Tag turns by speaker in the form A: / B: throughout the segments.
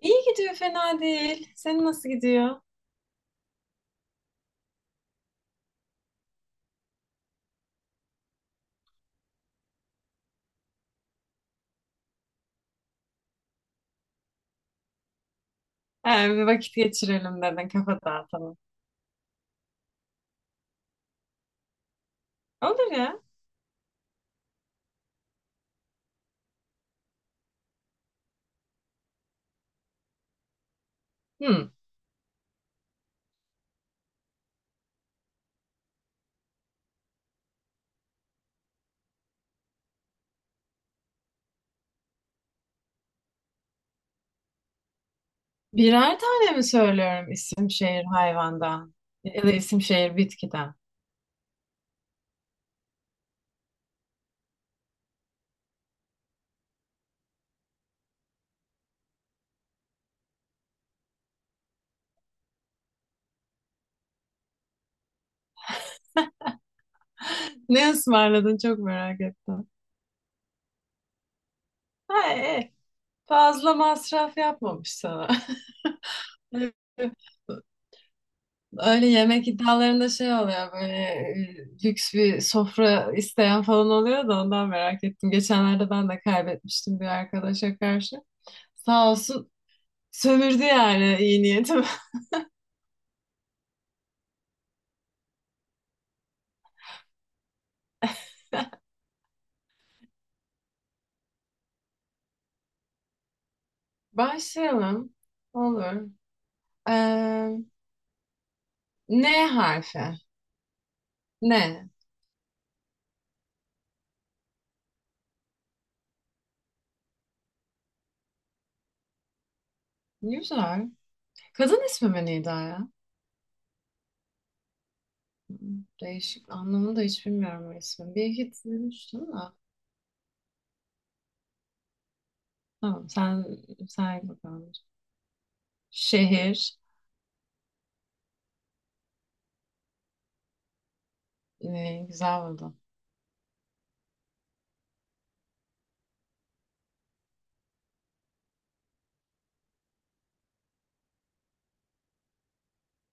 A: İyi gidiyor, fena değil. Senin nasıl gidiyor? Ha, bir vakit geçirelim dedin, kafa dağıtalım. Olur ya. Hmm. Birer tane mi söylüyorum isim şehir hayvandan? Ya da isim şehir bitkiden? Ne ısmarladın çok merak ettim. Ha, fazla masraf yapmamış sana. Öyle yemek iddialarında şey oluyor böyle lüks bir sofra isteyen falan oluyor da ondan merak ettim. Geçenlerde ben de kaybetmiştim bir arkadaşa karşı. Sağ olsun. Sömürdü yani iyi niyetim. Başlayalım. Olur. Ee, N harfi. Ne? Güzel. Kadın ismi mi Nida ya? Değişik. Anlamını da hiç bilmiyorum o ismin. Bir hit duymuştum da. Tamam, sen bakalım. Şehir. Güzel buldum.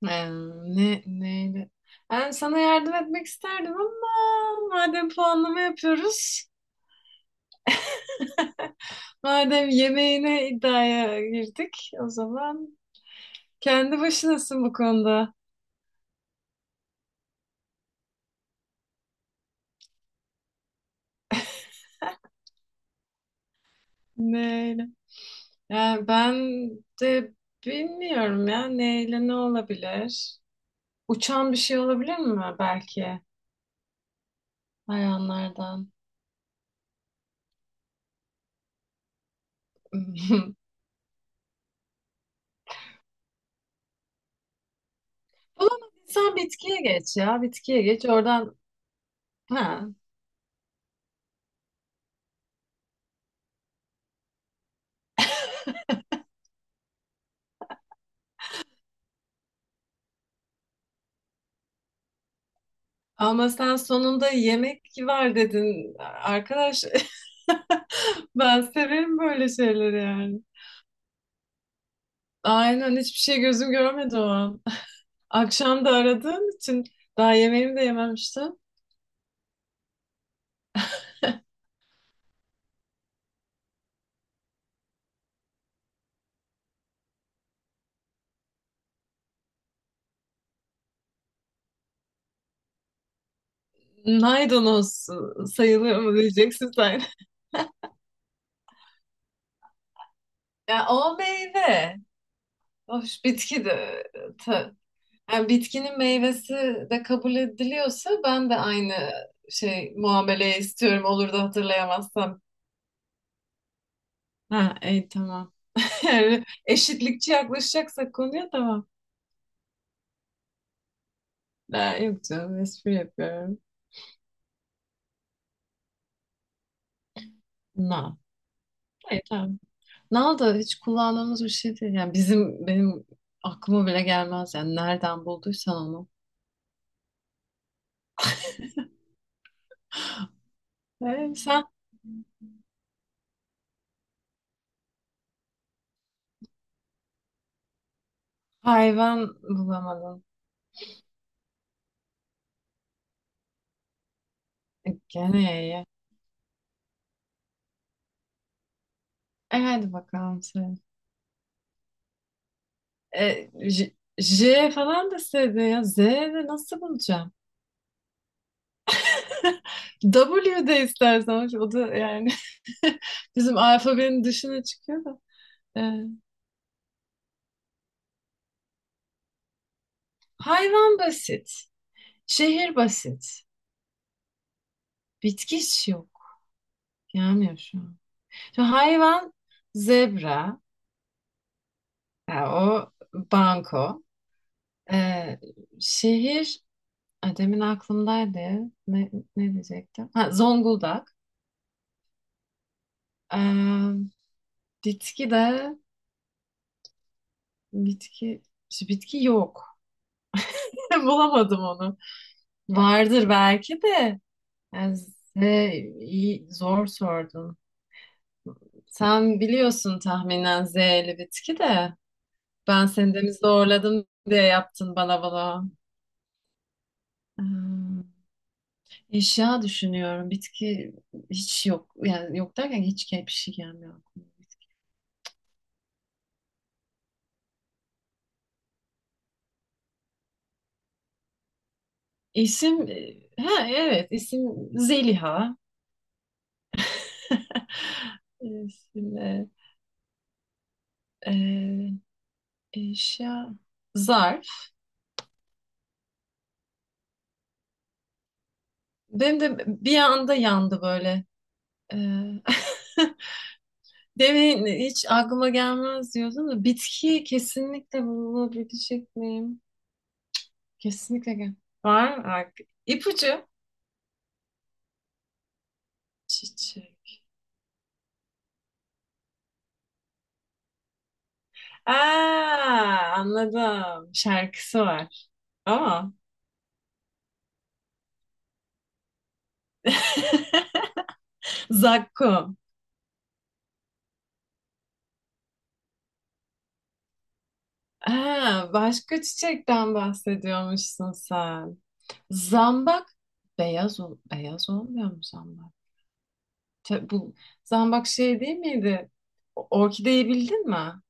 A: Ee, Neydi? Ben sana yardım etmek isterdim ama madem puanlama yapıyoruz. Madem yemeğine iddiaya girdik o zaman, kendi başınasın bu konuda. Neyle? Yani ben de bilmiyorum ya neyle ne olabilir? Uçan bir şey olabilir mi belki hayvanlardan? Bulamadıysan bitkiye geç ya bitkiye geç oradan ha. Ama sen sonunda yemek var dedin arkadaş. Ben severim böyle şeyleri yani. Aynen, hiçbir şey gözüm görmedi o an. Akşam da aradığın için daha yemeğimi de yememiştim. Maydanoz sayılıyor mu diyeceksin sen. Ya o meyve. Hoş bitki de. ta- Yani bitkinin meyvesi de kabul ediliyorsa ben de aynı şey muameleyi istiyorum olur da hatırlayamazsam. Ha, iyi tamam. Yani eşitlikçi yaklaşacaksak konuya tamam. Ha, yok canım, espri yapıyorum. Na. Hayır, tamam. Nal da hiç kullandığımız bir şey değil. Yani bizim benim aklıma bile gelmez. Yani nereden bulduysan onu. Sen hayvan bulamadın. Gene iyi. Hadi bakalım sen. E, J, J falan deseydin ya. Z de nasıl bulacağım? W de istersen. O da yani bizim alfabenin dışına çıkıyor da. E, Hayvan basit. Şehir basit. Bitki hiç yok. Gelmiyor şu an. Şu hayvan zebra. Ya o banko. E, Şehir. Ay, demin aklımdaydı. Ne, Ne diyecektim? Ha, Zonguldak. Ee, Bitki de bitki şu bitki yok. Bulamadım onu. Vardır belki de. Yani Z, iyi, zor sordun. Sen biliyorsun tahminen Z'li bitki de. Ben seni demin zorladım diye yaptın bana bunu. Ee, Eşya düşünüyorum. Bitki hiç yok. Yani yok derken hiç bir şey gelmiyor aklıma. İsim, ha, evet, isim Zeliha. İsim, e, eşya zarf. Benim de bir anda yandı böyle. E, demin hiç aklıma gelmez diyordum da bitki kesinlikle bulabilecek miyim? Kesinlikle gel. Var mı? İpucu. Çiçek. Aa, anladım. Şarkısı var. Ama zakkum. Ha, başka çiçekten bahsediyormuşsun sen. Zambak beyaz beyaz olmuyor mu zambak? Bu zambak şey değil miydi? Orkideyi bildin mi?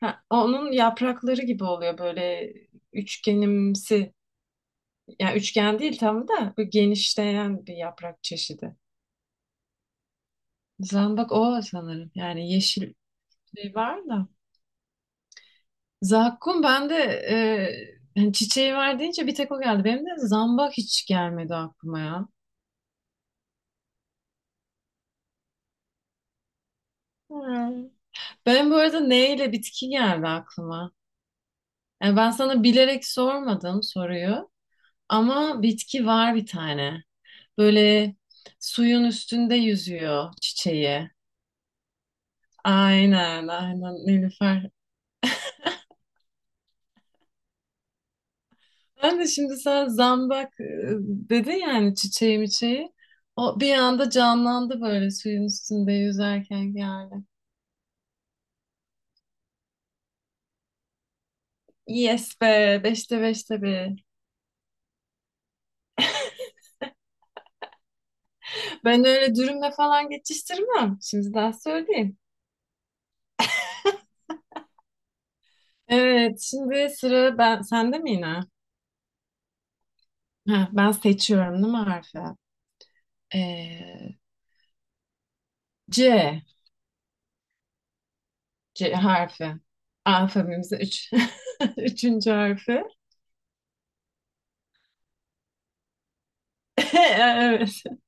A: Ha, onun yaprakları gibi oluyor böyle üçgenimsi. Yani üçgen değil tam da böyle genişleyen bir yaprak çeşidi. Zambak o sanırım. Yani yeşil şey var da. Zakkum ben de yani çiçeği var deyince bir tek o geldi. Benim de zambak hiç gelmedi aklıma ya. Hmm. Benim bu arada neyle bitki geldi aklıma. Yani ben sana bilerek sormadım soruyu ama bitki var bir tane. Böyle suyun üstünde yüzüyor çiçeği. Aynen, aynen Nilüfer. Ben de şimdi sen zambak dedin yani çiçeği miçeği. O bir anda canlandı böyle suyun üstünde yüzerken geldi. Yes be, beşte beşte be. Ben öyle dürümle falan geçiştirmem. Şimdi daha söyleyeyim. Evet, şimdi sıra ben sende mi yine? Heh, ben seçiyorum değil mi harfi? Ee, C. C harfi. Alfabemizin üç. Üçüncü harfi. Evet.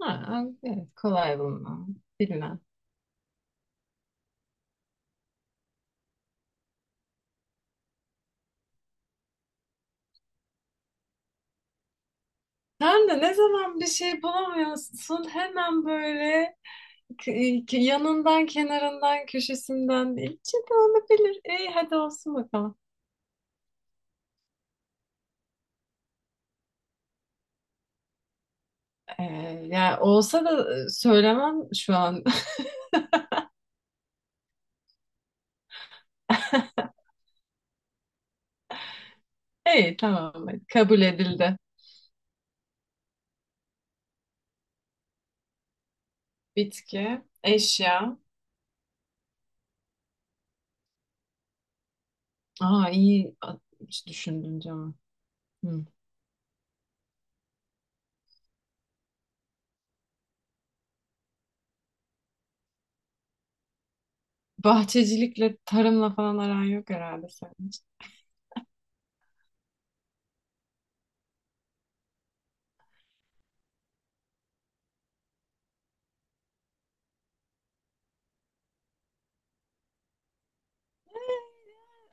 A: Ha, evet, kolay bulmam. Bilmem. Sen de ne zaman bir şey bulamıyorsun hemen böyle yanından, kenarından, köşesinden içi de olabilir. İyi hadi olsun bakalım. Ee, Yani olsa da söylemem şu an. İyi tamam hadi. Kabul edildi. Bitki, eşya. Aa iyi, hiç düşündün canım. Hı. Bahçecilikle, tarımla falan aran yok herhalde senin.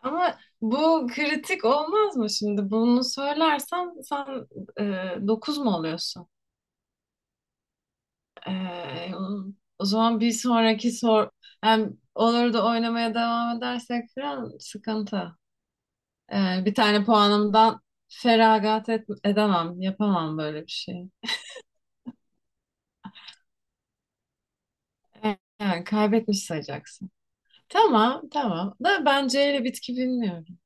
A: Ama bu kritik olmaz mı şimdi? Bunu söylersem sen 9 mu oluyorsun? E, O zaman bir sonraki sor... Yani olur da oynamaya devam edersek falan sıkıntı. Bir tane puanımdan feragat edemem, yapamam böyle bir şey. Yani kaybetmiş sayacaksın. Tamam, tamam. Da ben C ile bitki bilmiyorum.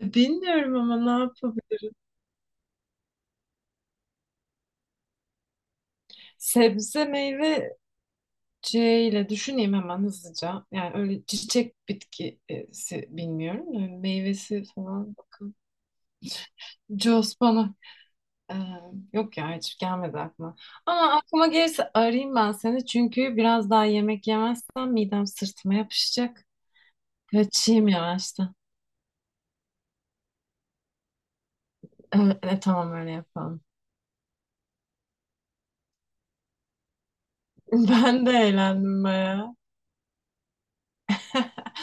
A: Bilmiyorum ama ne yapabilirim? Sebze, meyve C ile düşüneyim hemen hızlıca. Yani öyle çiçek bitkisi bilmiyorum. Da, hani meyvesi falan bakın. Cospana. Ee, Yok ya hiç gelmedi aklıma. Ama aklıma gelirse arayayım ben seni. Çünkü biraz daha yemek yemezsem midem sırtıma yapışacak. Kaçayım yavaştan. Evet, tamam öyle yapalım. Ben de eğlendim bayağı.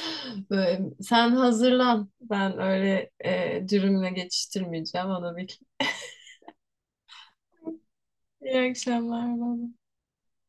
A: Böyle, sen hazırlan. Ben öyle dürümle geçiştirmeyeceğim. Onu bil. İyi akşamlar. Bye. Bye.